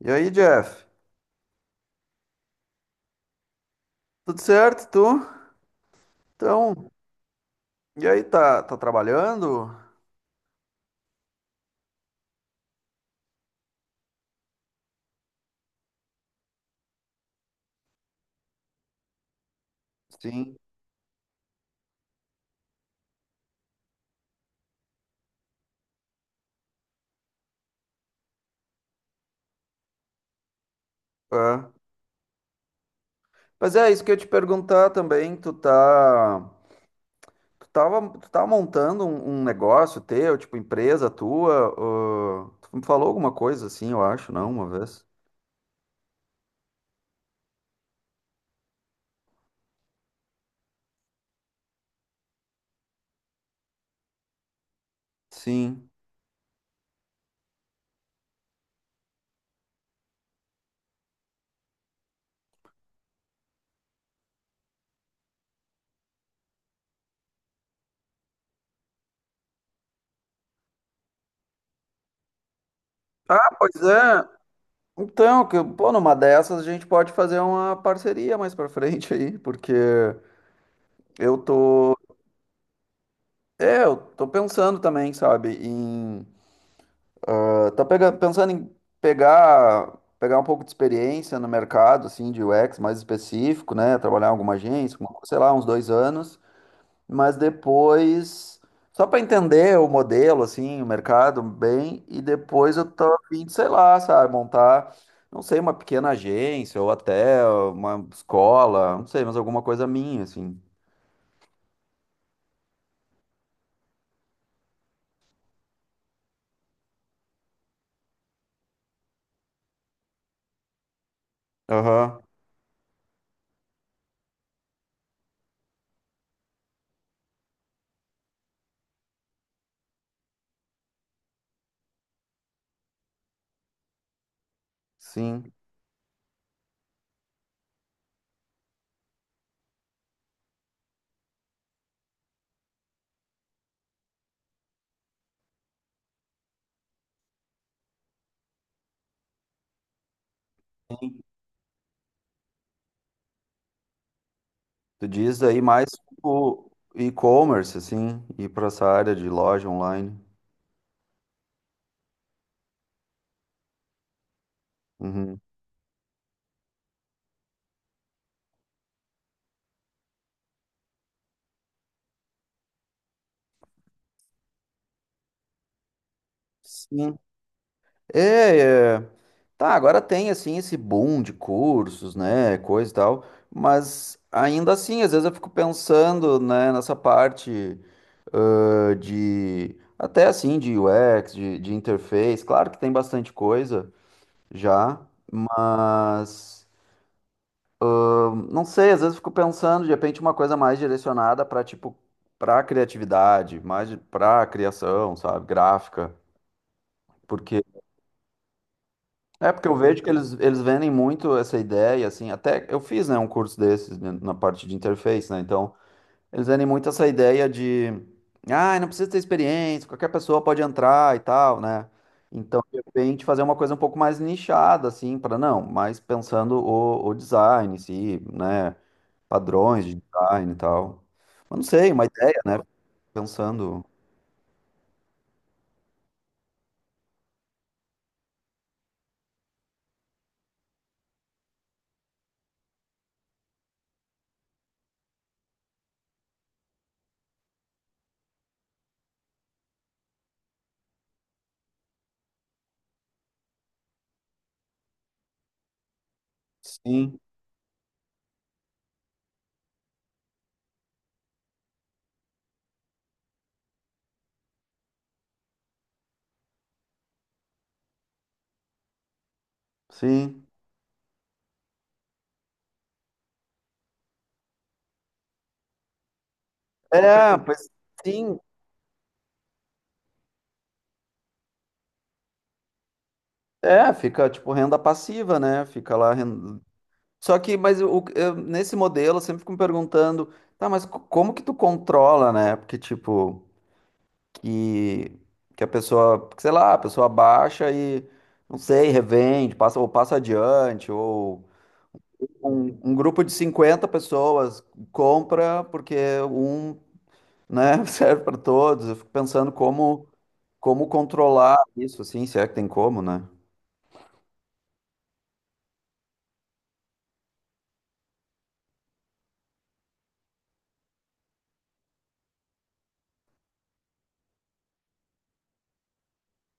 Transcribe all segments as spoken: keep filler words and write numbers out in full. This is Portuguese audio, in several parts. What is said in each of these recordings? E aí, Jeff? Tudo certo, tu? Então, e aí, tá, tá trabalhando? Sim. É. Mas é isso que eu ia te perguntar também, tu tá, tu tava, tu tá montando um, um negócio teu, tipo empresa tua, ah, tu me falou alguma coisa assim, eu acho, não, uma vez? Sim. Ah, pois é. Então, que, pô, numa dessas a gente pode fazer uma parceria mais pra frente aí, porque eu tô, é, eu tô pensando também, sabe, em Tá pega- pensando em pegar, pegar um pouco de experiência no mercado, assim, de U X mais específico, né? Trabalhar em alguma agência, alguma coisa, sei lá, uns dois anos, mas depois, só para entender o modelo, assim, o mercado bem, e depois eu tô a fim de, sei lá, sabe, montar, não sei, uma pequena agência ou até uma escola, não sei, mas alguma coisa minha, assim. Aham, sim. Sim. Tu diz aí mais o e-commerce, assim, ir para essa área de loja online. Uhum. Sim. É, é. Tá, agora tem assim esse boom de cursos, né, coisa e tal, mas ainda assim, às vezes eu fico pensando, né, nessa parte, ah, de até assim de U X, de, de interface, claro que tem bastante coisa já, mas ah, não sei, às vezes eu fico pensando, de repente uma coisa mais direcionada para tipo para criatividade, mais para criação, sabe, gráfica, porque é porque eu vejo que eles, eles vendem muito essa ideia, assim, até eu fiz, né, um curso desses, né, na parte de interface, né, então eles vendem muito essa ideia de, ah, não precisa ter experiência, qualquer pessoa pode entrar e tal, né, então de repente fazer uma coisa um pouco mais nichada, assim, para não, mas pensando o, o design em si, né, padrões de design e tal, mas não sei, uma ideia, né, pensando, sim, sim, é, pois sim. É, fica tipo renda passiva, né? Fica lá. ren- Só que, mas o- eu- nesse modelo, eu sempre fico me perguntando, tá, mas co- como que tu controla, né? Porque, tipo, que, que a pessoa, sei lá, a pessoa baixa e, não sei, revende, passa, ou passa adiante, ou um, um grupo de cinquenta pessoas compra porque um, né, serve para todos. Eu fico pensando como, como controlar isso, assim, se é que tem como, né?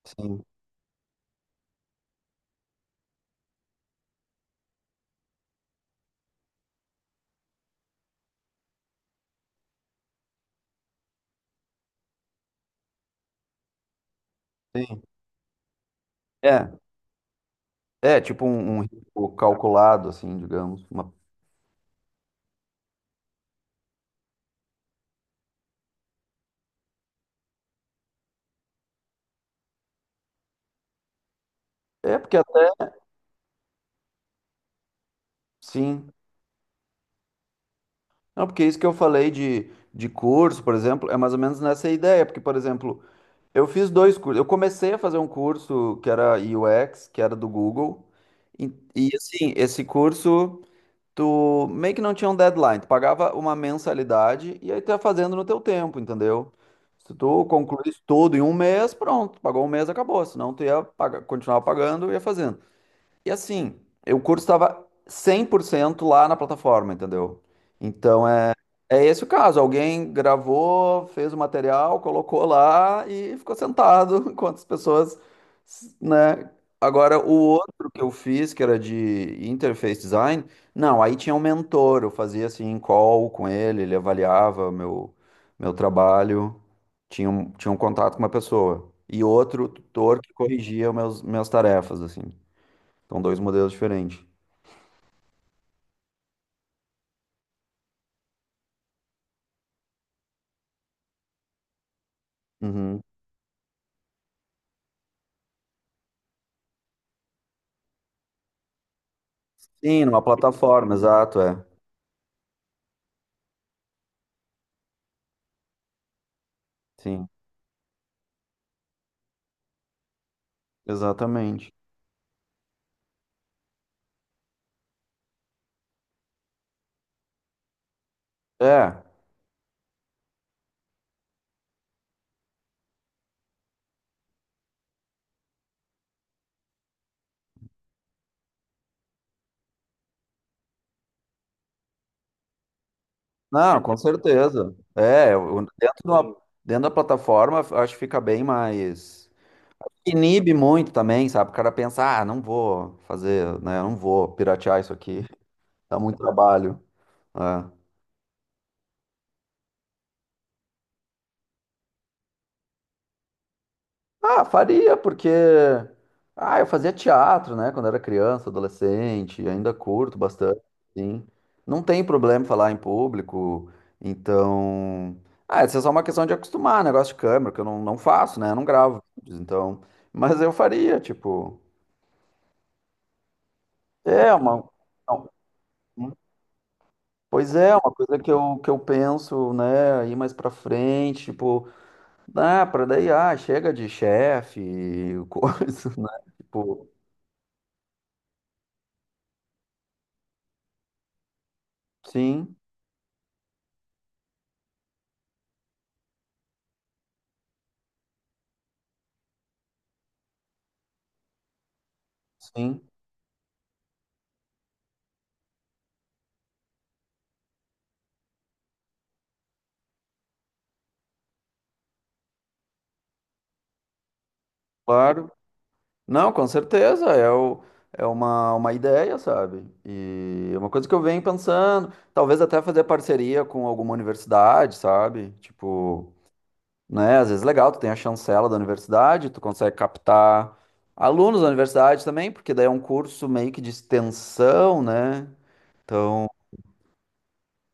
Sim. Sim. É. É, tipo um, um risco calculado, assim, digamos. Uma- É, porque até, sim. Não, porque é isso que eu falei de, de curso, por exemplo, é mais ou menos nessa ideia. Porque, por exemplo, eu fiz dois cursos. Eu comecei a fazer um curso que era U X, que era do Google. E, e, assim, esse curso, tu meio que não tinha um deadline. Tu pagava uma mensalidade e aí tu ia fazendo no teu tempo, entendeu? Se tu concluísse tudo em um mês, pronto. Pagou um mês, acabou. Senão tu ia pagar, continuar pagando e ia fazendo. E assim, o curso estava cem por cento lá na plataforma, entendeu? Então é, é esse o caso. Alguém gravou, fez o material, colocou lá e ficou sentado enquanto as pessoas, né? Agora, o outro que eu fiz, que era de interface design, não, aí tinha um mentor, eu fazia assim, call com ele, ele avaliava meu, meu trabalho, tinha um, tinha um contato com uma pessoa. E outro tutor que corrigia meus, minhas tarefas, assim. São dois modelos diferentes. Uhum. Sim, numa plataforma, exato, é. Sim, exatamente. É. Não, com certeza. É, o- dentro de uma- dentro da plataforma, eu acho que fica bem mais. Inibe muito também, sabe? O cara pensa, ah, não vou fazer, né? Não vou piratear isso aqui. Dá muito trabalho. É. Ah, faria, porque ah, eu fazia teatro, né, quando era criança, adolescente, ainda curto bastante, sim. Não tem problema falar em público, então, ah, isso é só uma questão de acostumar, negócio de câmera, que eu não, não faço, né, eu não gravo vídeos, então, mas eu faria, tipo, é uma, não, pois é, uma coisa que eu, que eu penso, né, ir mais pra frente, tipo, ah, pra daí, ah, chega de chefe, coisa, né, tipo, sim. Sim, claro. Não, com certeza, é, o, é uma, uma ideia, sabe? E é uma coisa que eu venho pensando, talvez até fazer parceria com alguma universidade, sabe? Tipo, né, às vezes é legal, tu tem a chancela da universidade, tu consegue captar alunos da universidade também, porque daí é um curso meio que de extensão, né? Então,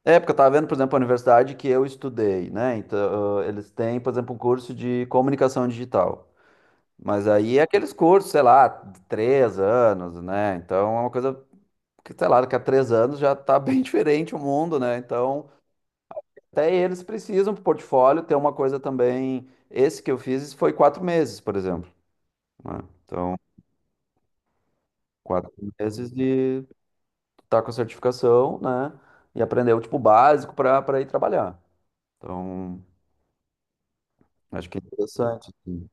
é, porque eu tava vendo, por exemplo, a universidade que eu estudei, né? Então, eles têm, por exemplo, um curso de comunicação digital. Mas aí é aqueles cursos, sei lá, de três anos, né? Então é uma coisa que, sei lá, daqui a três anos já tá bem diferente o mundo, né? Então, até eles precisam pro portfólio ter uma coisa também. Esse que eu fiz foi quatro meses, por exemplo, né? Então, quatro meses de tá com a certificação, né? E aprender o tipo básico para para ir trabalhar. Então, acho que é interessante, assim.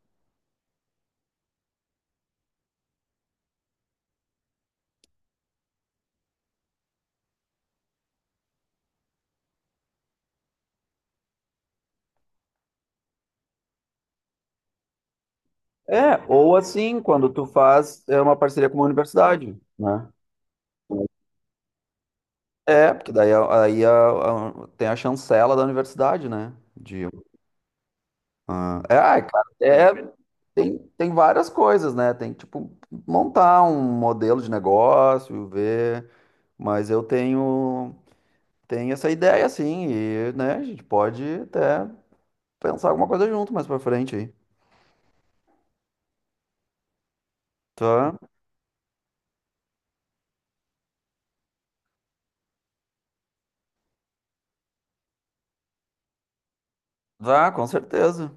É, ou assim, quando tu faz é uma parceria com uma universidade, né? É, porque daí, a- aí a- a- tem a chancela da universidade, né? De, ah, é, ai, cara, é, é, tem, tem várias coisas, né? Tem que, tipo, montar um modelo de negócio, ver. Mas eu tenho, tenho essa ideia, assim, e, né, a gente pode até pensar alguma coisa junto mais pra frente aí. Tá? Tá, com certeza.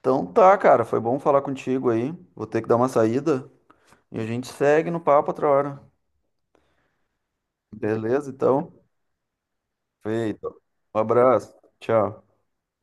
Então tá, cara, foi bom falar contigo aí. Vou ter que dar uma saída e a gente segue no papo outra hora. Beleza, então? Feito. Um abraço. Tchau.